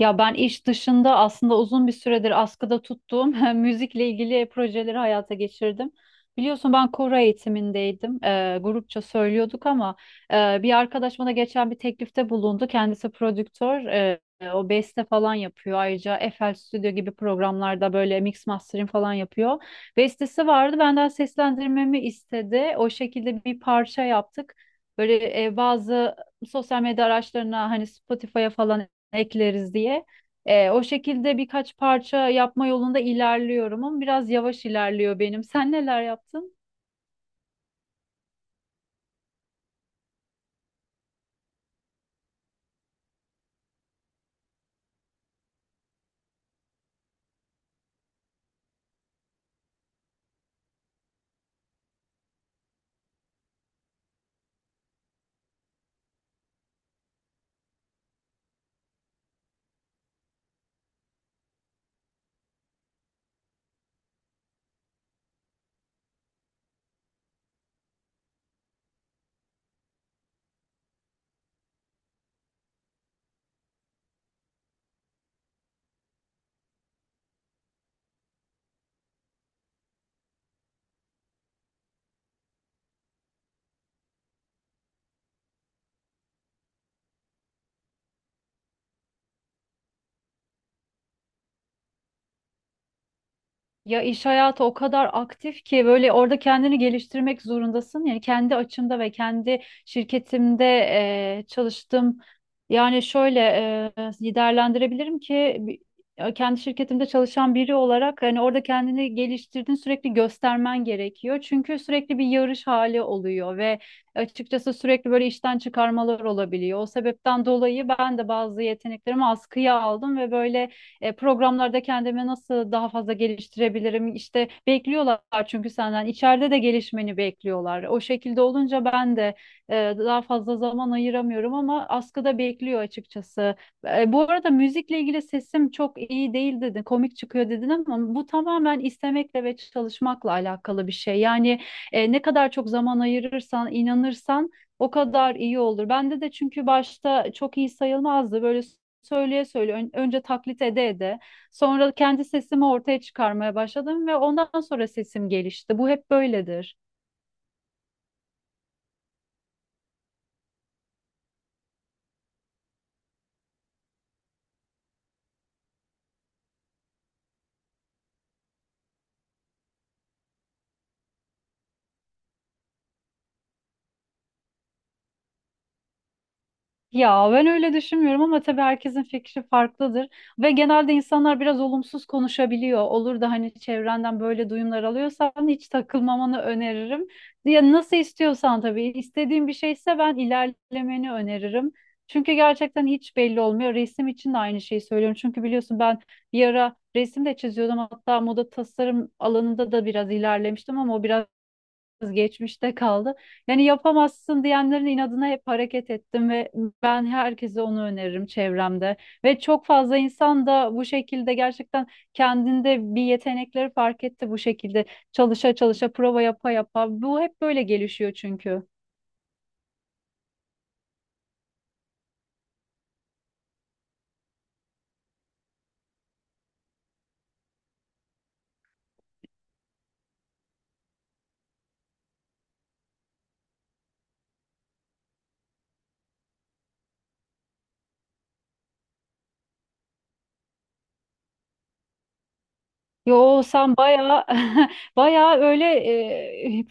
Ya ben iş dışında aslında uzun bir süredir askıda tuttuğum müzikle ilgili projeleri hayata geçirdim. Biliyorsun ben koro eğitimindeydim. Grupça söylüyorduk ama bir arkadaş bana geçen bir teklifte bulundu. Kendisi prodüktör. O beste falan yapıyor. Ayrıca FL Studio gibi programlarda böyle mix mastering falan yapıyor. Bestesi vardı. Benden seslendirmemi istedi. O şekilde bir parça yaptık. Böyle bazı sosyal medya araçlarına hani Spotify'a falan ekleriz diye. O şekilde birkaç parça yapma yolunda ilerliyorum ama biraz yavaş ilerliyor benim. Sen neler yaptın? Ya iş hayatı o kadar aktif ki böyle orada kendini geliştirmek zorundasın. Yani kendi açımda ve kendi şirketimde çalıştım. Yani şöyle liderlendirebilirim ki kendi şirketimde çalışan biri olarak hani orada kendini geliştirdiğini sürekli göstermen gerekiyor. Çünkü sürekli bir yarış hali oluyor ve açıkçası sürekli böyle işten çıkarmalar olabiliyor. O sebepten dolayı ben de bazı yeteneklerimi askıya aldım ve böyle programlarda kendimi nasıl daha fazla geliştirebilirim? İşte bekliyorlar çünkü senden içeride de gelişmeni bekliyorlar. O şekilde olunca ben de daha fazla zaman ayıramıyorum ama askıda bekliyor açıkçası. Bu arada müzikle ilgili sesim çok iyi değil dedin, komik çıkıyor dedin ama bu tamamen istemekle ve çalışmakla alakalı bir şey. Yani ne kadar çok zaman ayırırsan, inanırsan o kadar iyi olur. Bende de çünkü başta çok iyi sayılmazdı. Böyle söyleye söyleye önce taklit ede ede sonra kendi sesimi ortaya çıkarmaya başladım ve ondan sonra sesim gelişti. Bu hep böyledir. Ya ben öyle düşünmüyorum ama tabii herkesin fikri farklıdır ve genelde insanlar biraz olumsuz konuşabiliyor. Olur da hani çevrenden böyle duyumlar alıyorsan hiç takılmamanı öneririm. Ya nasıl istiyorsan tabii istediğin bir şeyse ben ilerlemeni öneririm. Çünkü gerçekten hiç belli olmuyor. Resim için de aynı şeyi söylüyorum. Çünkü biliyorsun ben bir ara resim de çiziyordum. Hatta moda tasarım alanında da biraz ilerlemiştim ama o biraz geçmişte kaldı. Yani yapamazsın diyenlerin inadına hep hareket ettim ve ben herkese onu öneririm çevremde. Ve çok fazla insan da bu şekilde gerçekten kendinde bir yetenekleri fark etti bu şekilde. Çalışa çalışa, prova yapa yapa. Bu hep böyle gelişiyor çünkü. Yo sen bayağı bayağı öyle e,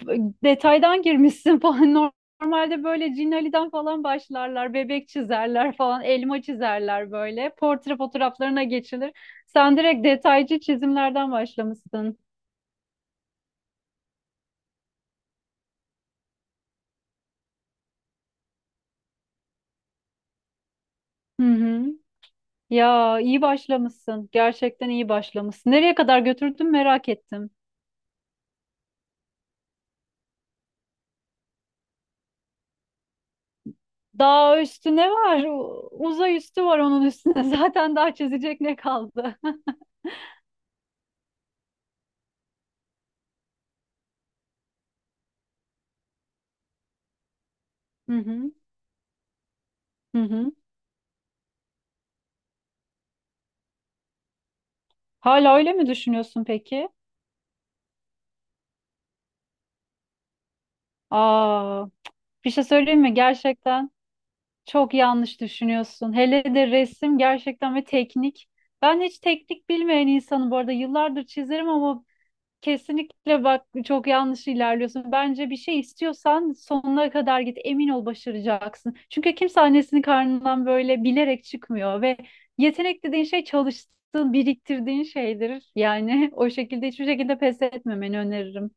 detaydan girmişsin falan. Normalde böyle Cin Ali'den falan başlarlar. Bebek çizerler falan, elma çizerler böyle. Portre fotoğraflarına geçilir. Sen direkt detaycı çizimlerden başlamışsın. Hı hı. Ya iyi başlamışsın. Gerçekten iyi başlamışsın. Nereye kadar götürdün merak ettim. Daha üstü ne var? Uzay üstü var onun üstüne. Zaten daha çizecek ne kaldı? Hı hı. Hı hı. Hala öyle mi düşünüyorsun peki? Aa, bir şey söyleyeyim mi? Gerçekten çok yanlış düşünüyorsun. Hele de resim gerçekten ve teknik. Ben hiç teknik bilmeyen insanım bu arada. Yıllardır çizerim ama kesinlikle bak çok yanlış ilerliyorsun. Bence bir şey istiyorsan sonuna kadar git. Emin ol başaracaksın. Çünkü kimse annesinin karnından böyle bilerek çıkmıyor ve yetenek dediğin şey çalıştığın, biriktirdiğin şeydir. Yani o şekilde hiçbir şekilde pes etmemeni öneririm.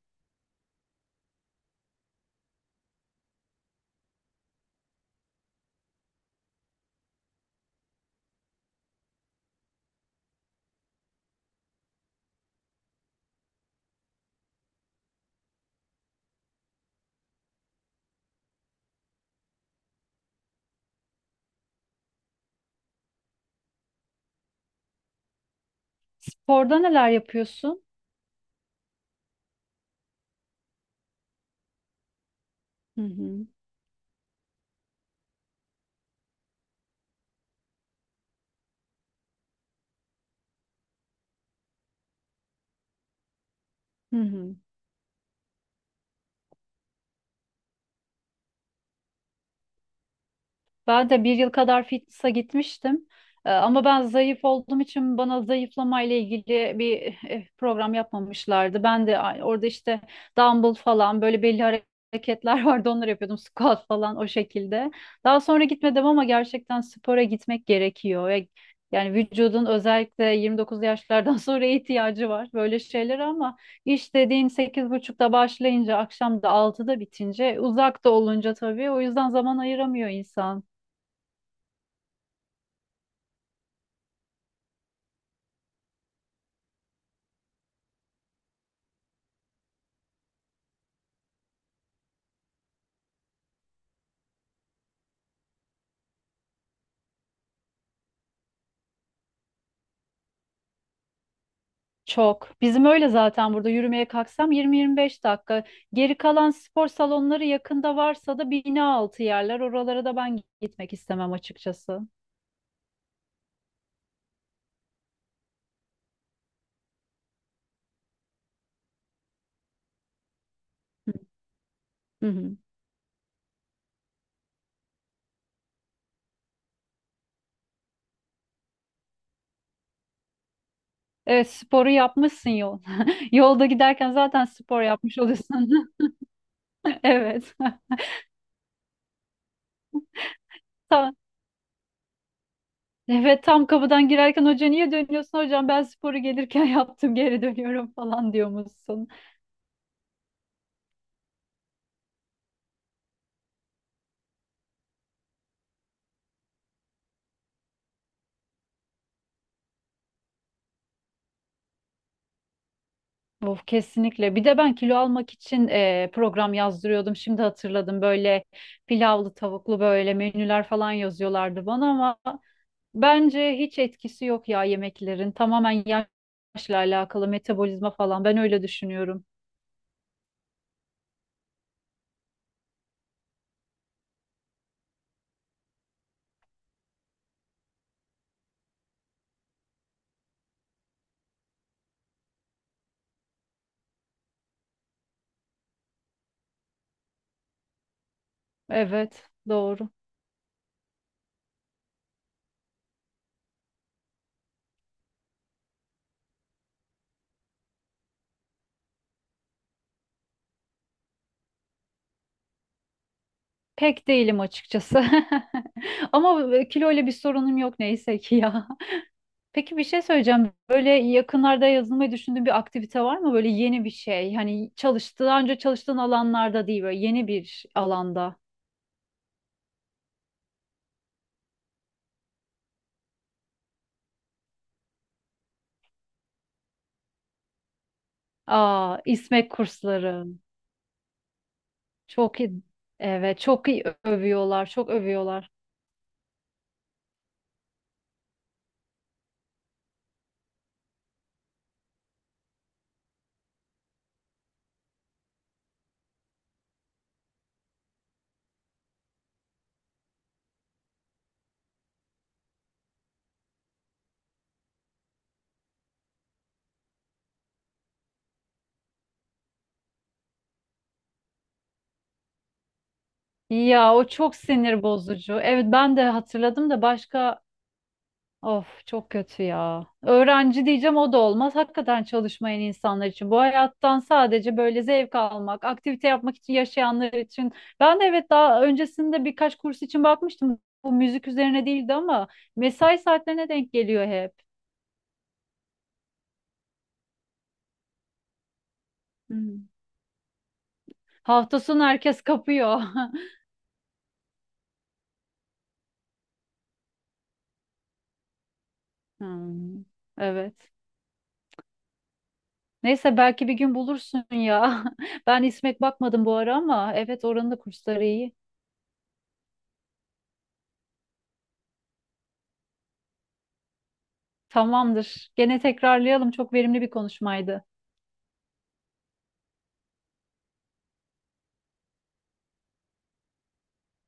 Sporda neler yapıyorsun? Hı hı. Hı hı. Ben de 1 yıl kadar fitness'a gitmiştim. Ama ben zayıf olduğum için bana zayıflama ile ilgili bir program yapmamışlardı. Ben de orada işte dumbbell falan böyle belli hareketler vardı onları yapıyordum. Squat falan o şekilde. Daha sonra gitmedim ama gerçekten spora gitmek gerekiyor. Yani vücudun özellikle 29 yaşlardan sonra ihtiyacı var böyle şeyler ama iş dediğin 8.30'da başlayınca akşam da 6'da bitince uzakta olunca tabii o yüzden zaman ayıramıyor insan. Çok. Bizim öyle zaten burada yürümeye kalksam 20-25 dakika. Geri kalan spor salonları yakında varsa da bina altı yerler. Oralara da ben gitmek istemem açıkçası. Hı hı. Hı. Evet, sporu yapmışsın yol. Yolda giderken zaten spor yapmış oluyorsun. Evet. Tam, evet tam kapıdan girerken hoca niye dönüyorsun hocam ben sporu gelirken yaptım geri dönüyorum falan diyormuşsun. Of, kesinlikle. Bir de ben kilo almak için program yazdırıyordum. Şimdi hatırladım böyle pilavlı tavuklu böyle menüler falan yazıyorlardı bana ama bence hiç etkisi yok ya yemeklerin. Tamamen yaşla alakalı metabolizma falan. Ben öyle düşünüyorum. Evet, doğru. Pek değilim açıkçası. Ama kilo ile bir sorunum yok neyse ki ya. Peki bir şey söyleyeceğim. Böyle yakınlarda yazılmayı düşündüğün bir aktivite var mı? Böyle yeni bir şey. Hani çalıştığı, daha önce çalıştığın alanlarda değil, böyle yeni bir alanda. Aa, İSMEK kursları. Çok iyi. Evet, çok iyi övüyorlar, çok övüyorlar. Ya o çok sinir bozucu. Evet ben de hatırladım da başka. Of, çok kötü ya. Öğrenci diyeceğim o da olmaz. Hakikaten çalışmayan insanlar için. Bu hayattan sadece böyle zevk almak, aktivite yapmak için yaşayanlar için. Ben de evet daha öncesinde birkaç kurs için bakmıştım. Bu müzik üzerine değildi ama mesai saatlerine denk geliyor hep. Hmm. Hafta sonu herkes kapıyor. Hmm, evet. Neyse belki bir gün bulursun ya. Ben İsmek bakmadım bu ara ama evet oranın da kursları iyi. Tamamdır. Gene tekrarlayalım. Çok verimli bir konuşmaydı.